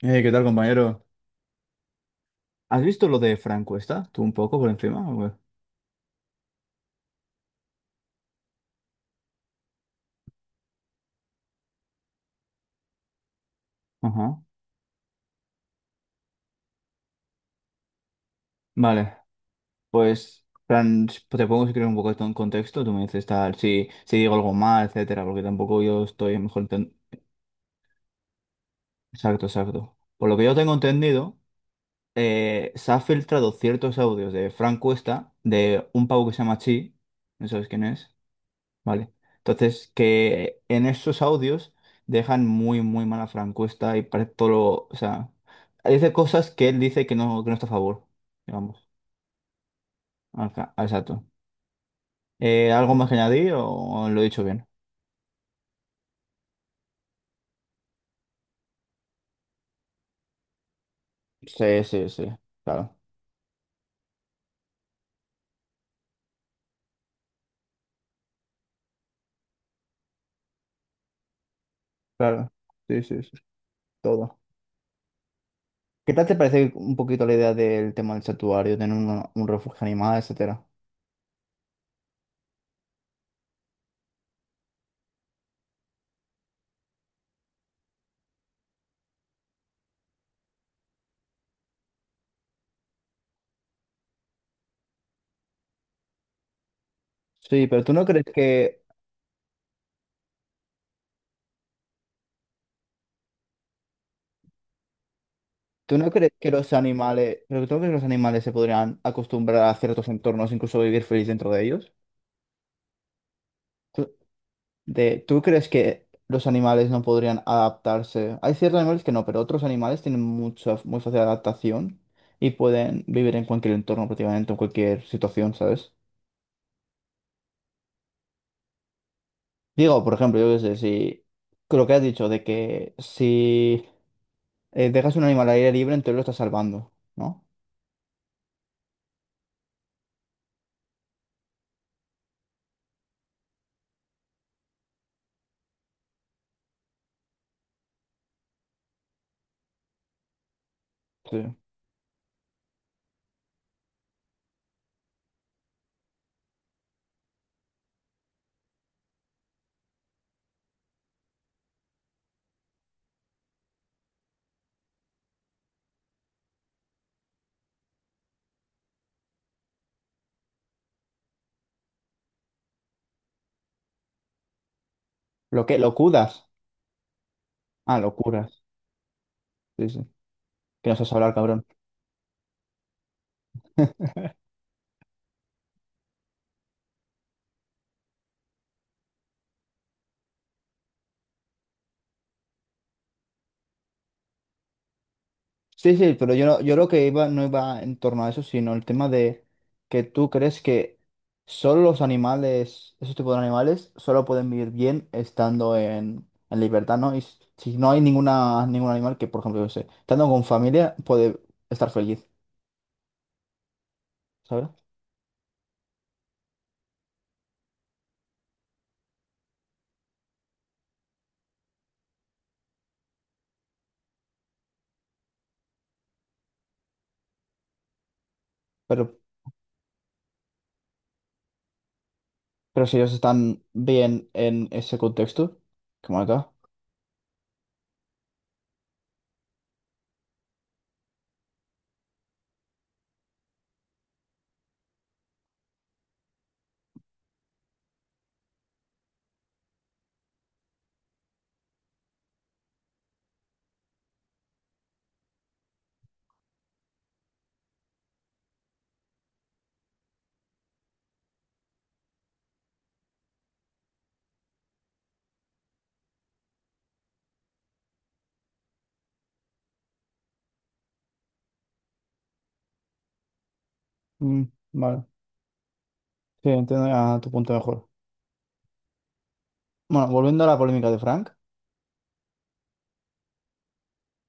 ¿Qué tal, compañero? ¿Has visto lo de Fran Cuesta? ¿Tú un poco por encima, o qué? Ajá. Vale, pues, Fran, te pongo si quieres un poco esto en contexto. Tú me dices tal, si digo algo mal, etcétera, porque tampoco yo estoy mejor enten- Exacto, exacto. Por lo que yo tengo entendido, se han filtrado ciertos audios de Fran Cuesta, de un pavo que se llama Chi, ¿no sabes quién es? Vale. Entonces, que en esos audios dejan muy, muy mala francuesta y parece todo lo... O sea, dice cosas que él dice que no está a favor, digamos. Acá, exacto. ¿Algo más que añadir o lo he dicho bien? Sí, sí, sí. Claro. Claro. Sí, sí, sí. Todo. ¿Qué tal te parece un poquito la idea del tema del santuario, tener un refugio animal, etcétera? Sí, pero ¿Tú no crees que los animales, pero tú no crees que los animales se podrían acostumbrar a ciertos entornos, incluso vivir feliz dentro de ellos? ¿Tú, ¿tú crees que los animales no podrían adaptarse? Hay ciertos animales que no, pero otros animales tienen muy fácil adaptación y pueden vivir en cualquier entorno, prácticamente en cualquier situación, ¿sabes? Digo, por ejemplo, yo qué sé, si con lo que has dicho de que si dejas un animal al aire libre, entonces lo estás salvando, ¿no? Sí. Lo cuidas. Locuras. Sí, sí. Que no sabes hablar, cabrón. Sí, sí, pero yo lo que iba no iba en torno a eso, sino el tema de que tú crees que solo los animales, esos tipos de animales, solo pueden vivir bien estando en libertad, ¿no? Y si no hay ningún animal que, por ejemplo, yo sé, estando con familia puede estar feliz, ¿sabes? Pero, pero si ellos están bien en ese contexto, como acá. Mm, vale, sí, entiendo ya tu punto mejor. Bueno, volviendo a la polémica de Frank,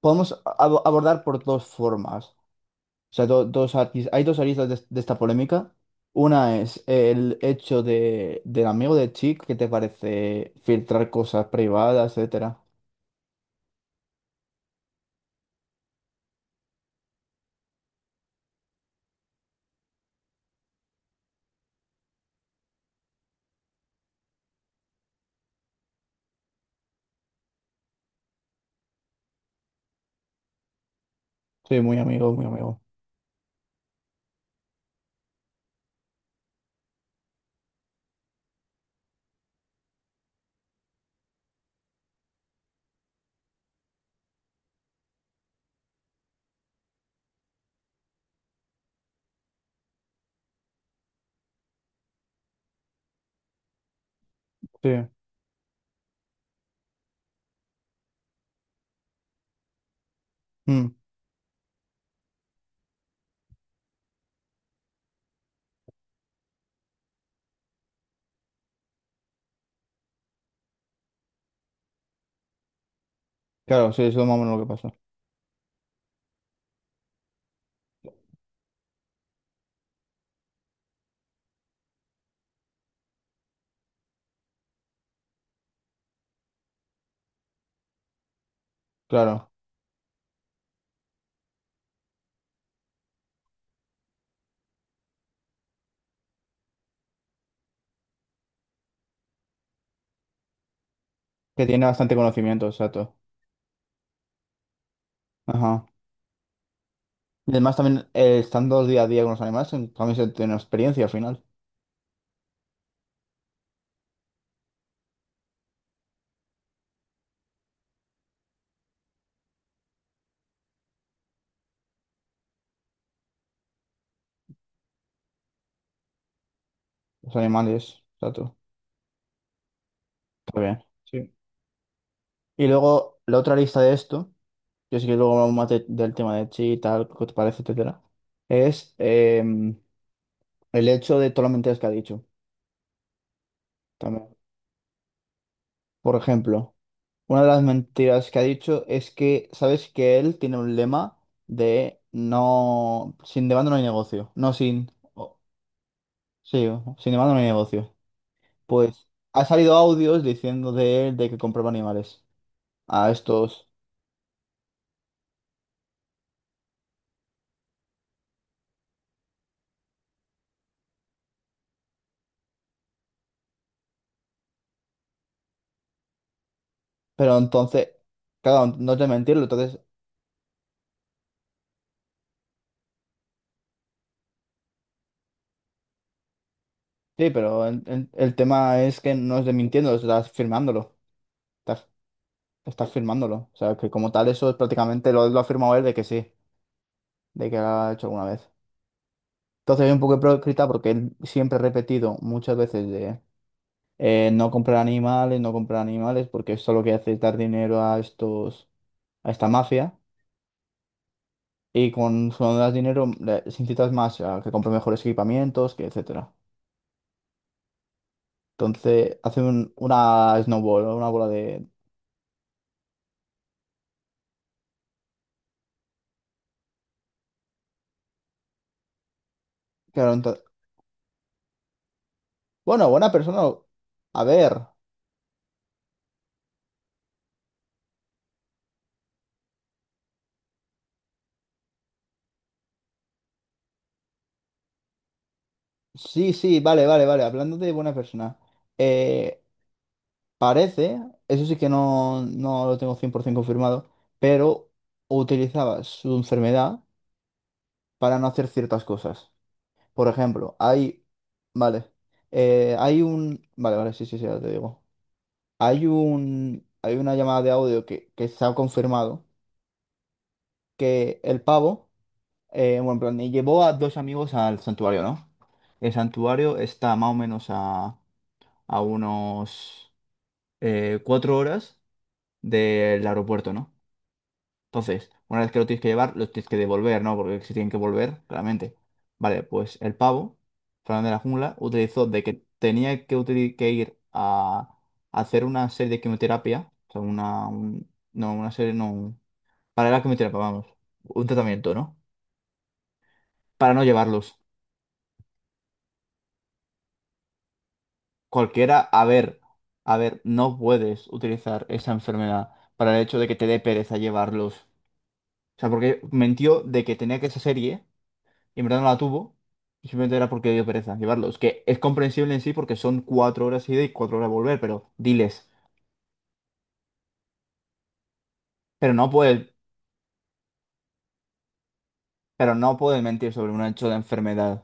podemos abordar por dos formas. O sea, hay dos aristas de esta polémica. Una es el hecho del amigo de Chick, que te parece filtrar cosas privadas, etcétera. Sí, muy amigo, muy amigo. Sí. Mm, claro, sí, eso es más o menos lo que pasó. Claro, que tiene bastante conocimiento, exacto. Ajá. Y además también estando día a día con los animales, también se tiene experiencia al final. Los animales, exacto. Está bien. Sí. Y luego la otra lista de esto. Yo sí que luego hablamos más del tema de chi y tal, qué te parece, etcétera, es el hecho de todas las mentiras que ha dicho también. Por ejemplo, una de las mentiras que ha dicho es que, ¿sabes que él tiene un lema de no, sin demanda no hay negocio, no sin, o- sí, sin demanda no hay negocio. Pues ha salido audios diciendo de él de que compraba animales a estos, pero entonces, claro, no es de mentirlo, entonces. Sí, pero el tema es que no es de mintiendo estás firmándolo. Estás, estás firmándolo. O sea, que como tal, eso es prácticamente lo ha firmado él de que sí, de que lo ha hecho alguna vez. Entonces, es un poco hipócrita porque él siempre ha repetido muchas veces de no comprar animales, no comprar animales, porque eso lo que hace es dar dinero a esta mafia. Y con su das dinero, se incitas más a que compre mejores equipamientos, que etcétera. Entonces, hace una bola de. Claro, ento- Bueno, buena persona. A ver, sí, sí, vale, vale, vale. Hablando de buena persona, eh, parece, eso sí que no lo tengo 100% confirmado, pero utilizaba su enfermedad para no hacer ciertas cosas. Por ejemplo, hay, vale, hay un, vale, vale, sí, sí, sí, ahora te digo. Hay una llamada de audio que se ha confirmado que el pavo. Bueno, en plan, y llevó a dos amigos al santuario, ¿no? El santuario está más o menos a unos 4 horas del aeropuerto, ¿no? Entonces, una vez que lo tienes que llevar, los tienes que devolver, ¿no? Porque si tienen que volver, claramente. Vale, pues el pavo, Fernando de la Jungla, utilizó de que tenía que ir a hacer una serie de quimioterapia, o sea, no, no, para la quimioterapia, vamos, un tratamiento, ¿no? Para no llevarlos. Cualquiera, a ver, no puedes utilizar esa enfermedad para el hecho de que te dé pereza llevarlos. O sea, porque mentió de que tenía que esa serie y en verdad no la tuvo. Y simplemente era porque dio pereza llevarlos. Que es comprensible en sí porque son 4 horas ida y 4 horas volver, pero diles. Pero no puedes, pero no puedes mentir sobre un hecho de enfermedad.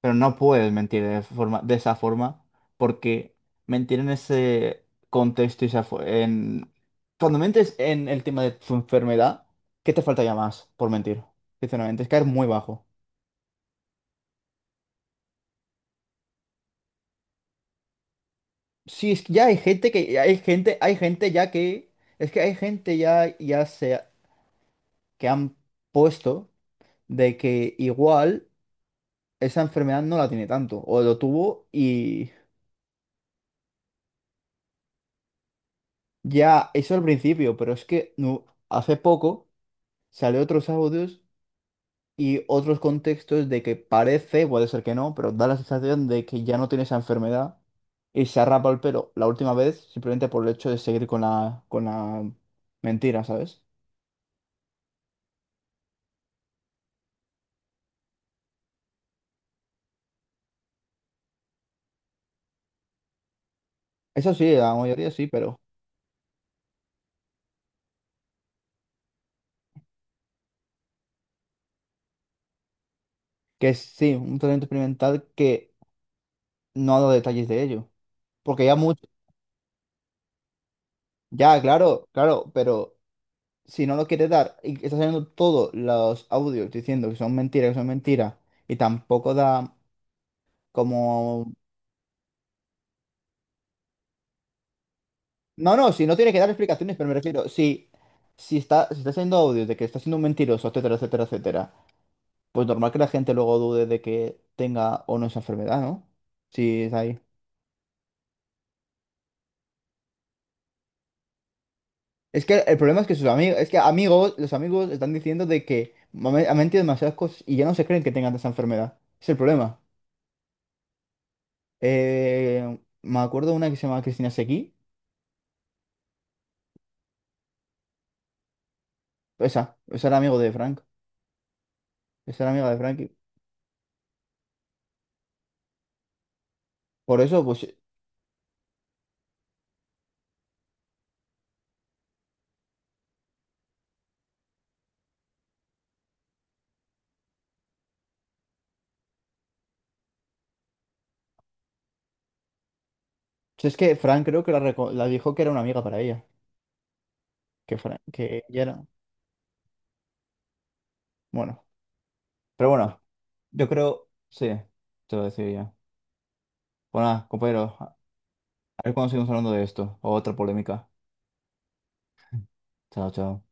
Pero no puedes mentir de esa forma, porque mentir en ese contexto y esa fo- en cuando mentes en el tema de tu enfermedad, ¿qué te falta ya más por mentir? Sinceramente, es caer muy bajo. Sí, es que ya hay gente ya que es que hay gente ya se que han puesto de que igual esa enfermedad no la tiene tanto o lo tuvo y ya eso al principio, pero es que no, hace poco salió otros audios y otros contextos de que parece, puede ser que no, pero da la sensación de que ya no tiene esa enfermedad y se ha rapado el pelo la última vez simplemente por el hecho de seguir con la mentira, ¿sabes? Eso sí, la mayoría sí, pero que sí, un tratamiento experimental que no ha dado detalles de ello. Porque ya mucho, ya, claro, claro, pero si no lo quiere dar y está saliendo todos los audios diciendo que son mentiras, y tampoco da como. No, no, si no tiene que dar explicaciones, pero me refiero, si está haciendo audios de que está siendo un mentiroso, etcétera, etcétera, etcétera, pues normal que la gente luego dude de que tenga o no esa enfermedad, ¿no? Sí, es ahí. Es que el problema es que sus amigos, es que amigos, los amigos están diciendo de que ha mentido demasiadas cosas y ya no se creen que tengan esa enfermedad. Es el problema. Me acuerdo de una que se llama Cristina Seguí, esa, esa era amigo de Frank, esa era amiga de Frank. Y por eso, pues, es que Frank creo que la dijo que era una amiga para ella. Que fuera, que ya era, bueno, pero bueno, yo creo, sí, te lo decía ya. Bueno, nada, compañeros, a ver cuándo seguimos hablando de esto, o otra polémica. Chao, chao.